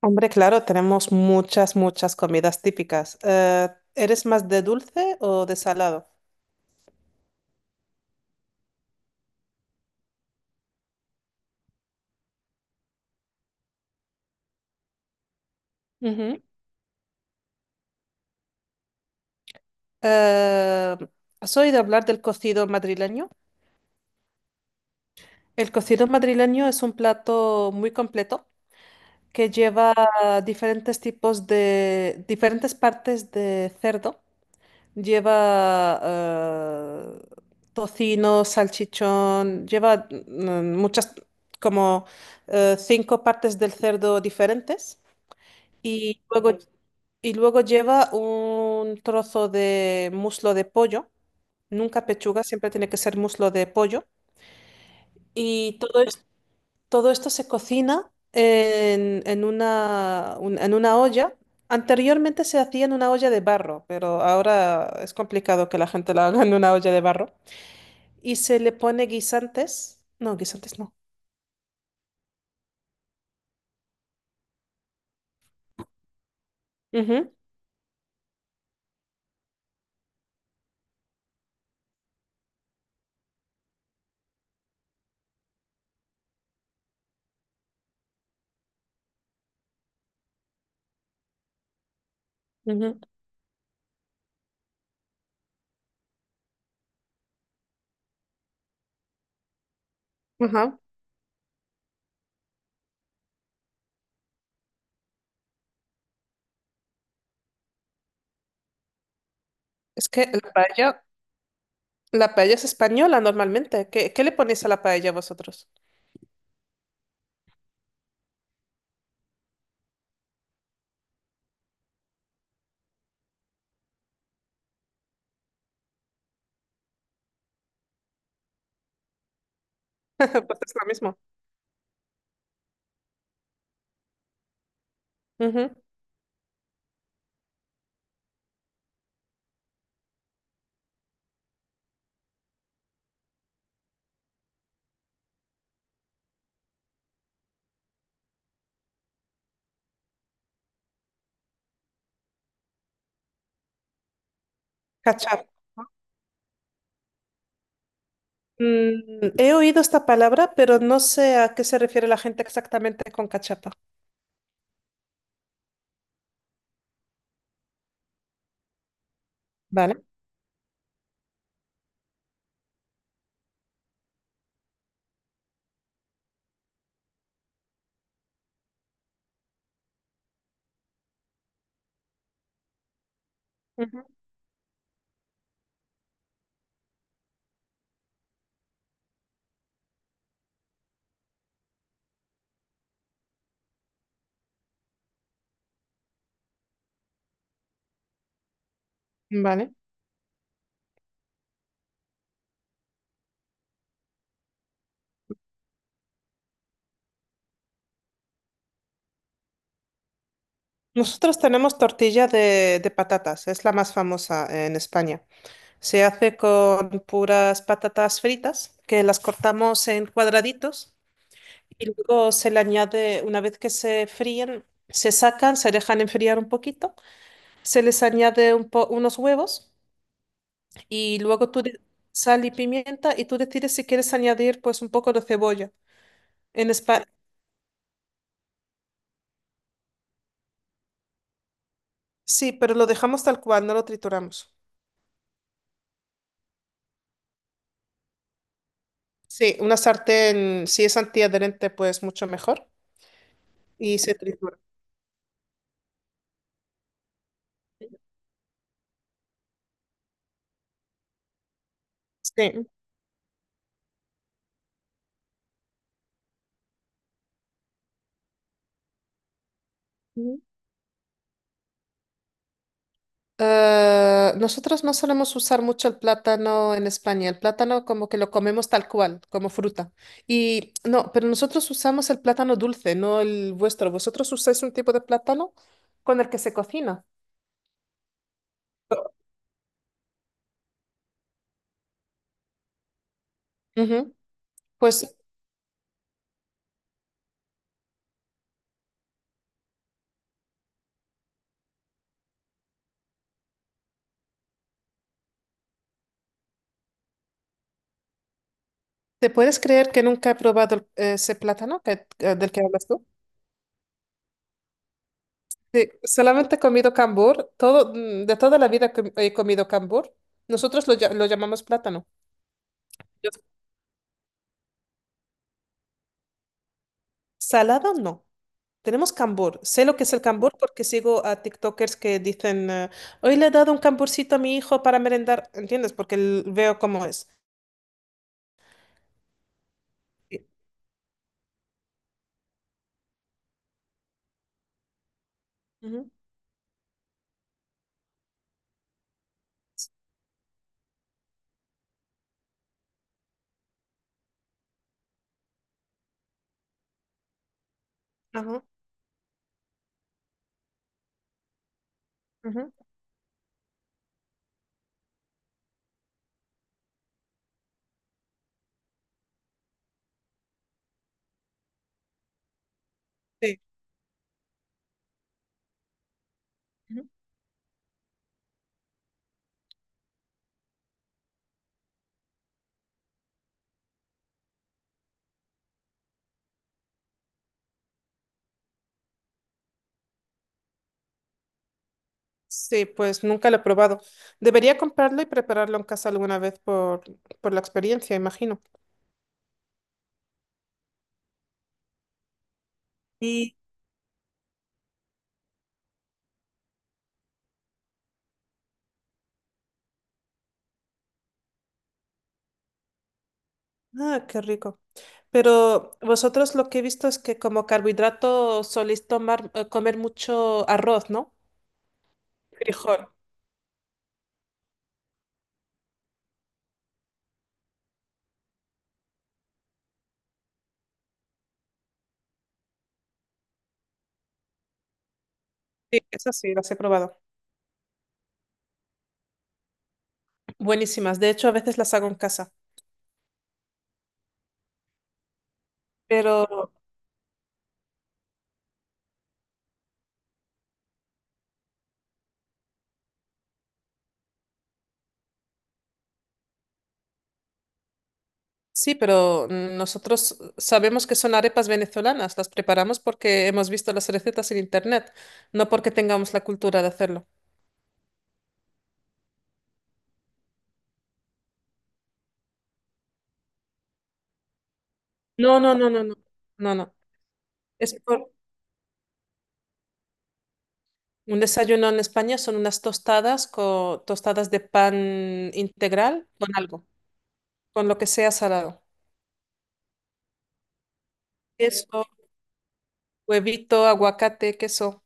Hombre, claro, tenemos muchas comidas típicas. ¿Eres más de dulce o de salado? Ujú. Eh, ¿Has oído hablar del cocido madrileño? El cocido madrileño es un plato muy completo que lleva diferentes tipos diferentes partes de cerdo. Lleva tocino, salchichón, lleva muchas, como cinco partes del cerdo diferentes. Y luego, y luego lleva un trozo de muslo de pollo, nunca pechuga, siempre tiene que ser muslo de pollo. Y todo, es- Todo esto se cocina en una olla. Anteriormente se hacía en una olla de barro, pero ahora es complicado que la gente la haga en una olla de barro. Y se le pone guisantes. No, guisantes no. Ujú, ujú. Ajá. Es que la paella es española normalmente. ¿Qué le ponéis a la paella vosotros? Pues es lo mismo. Ujú. Cachar. Mm, he oído esta palabra, pero no sé a qué se refiere la gente exactamente con cachapa. Vale. Ujú. Vale. Nosotros tenemos tortilla de patatas, es la más famosa en España. Se hace con puras patatas fritas, que las cortamos en cuadraditos y luego se le añade, una vez que se fríen, se sacan, se dejan enfriar un poquito, se les añade unos huevos y luego sal y pimienta, y tú decides si quieres añadir pues un poco de cebolla. En España, sí, pero lo dejamos tal cual, no lo trituramos. Sí, una sartén, si es antiadherente, pues mucho mejor y se tritura. Sí. Ujú. Nosotros no solemos usar mucho el plátano en España. El plátano como que lo comemos tal cual, como fruta. Y no, pero nosotros usamos el plátano dulce, no el vuestro. Vosotros usáis un tipo de plátano con el que se cocina. Ujú. Pues ¿te puedes creer que nunca he probado ese plátano del que hablas tú? Sí, solamente he comido cambur, todo, de toda la vida que he comido cambur. Nosotros lo llamamos plátano. Yo- Salado no. Tenemos cambur. Sé lo que es el cambur porque sigo a TikTokers que dicen, hoy le he dado un camburcito a mi hijo para merendar. ¿Entiendes? Porque veo cómo es. Sí. Ujú, ajá, ujú, sí, ujú. Sí, pues nunca lo he probado. Debería comprarlo y prepararlo en casa alguna vez por la experiencia, imagino. Y, ah, qué rico. Pero vosotros lo que he visto es que como carbohidrato soléis tomar, comer mucho arroz, ¿no? Frijol. Sí, esas sí, las he probado. Buenísimas. De hecho, a veces las hago en casa. Pero sí, pero nosotros sabemos que son arepas venezolanas. Las preparamos porque hemos visto las recetas en internet, no porque tengamos la cultura de hacerlo. No, no, no, no, no. No, no. Es por, un desayuno en España son unas tostadas con tostadas de pan integral con algo, con lo que sea salado. Queso, huevito, aguacate, queso.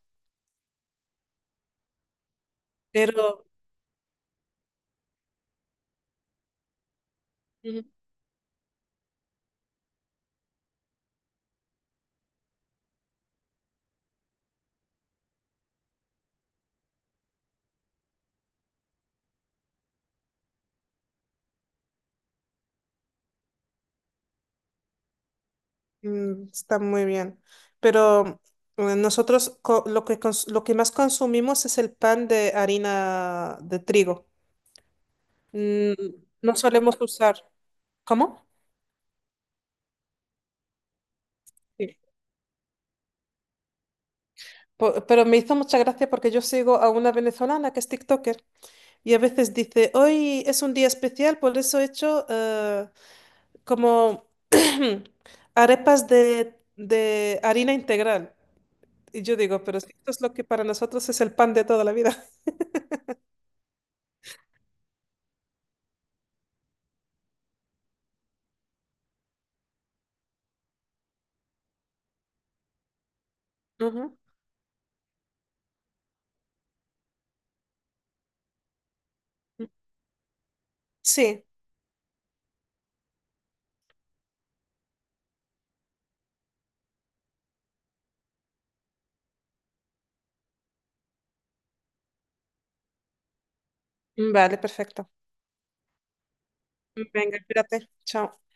Pero ujú. Mm, está muy bien. Pero nosotros lo que lo que más consumimos es el pan de harina de trigo. Mm, no solemos usar. ¿Cómo? Sí. Pero me hizo mucha gracia porque yo sigo a una venezolana que es TikToker, y a veces dice, hoy es un día especial, por eso he hecho como arepas de harina integral. Y yo digo, pero si esto es lo que para nosotros es el pan de toda la vida. Ujú. Sí, vale, perfecto. Venga, espérate. Chao.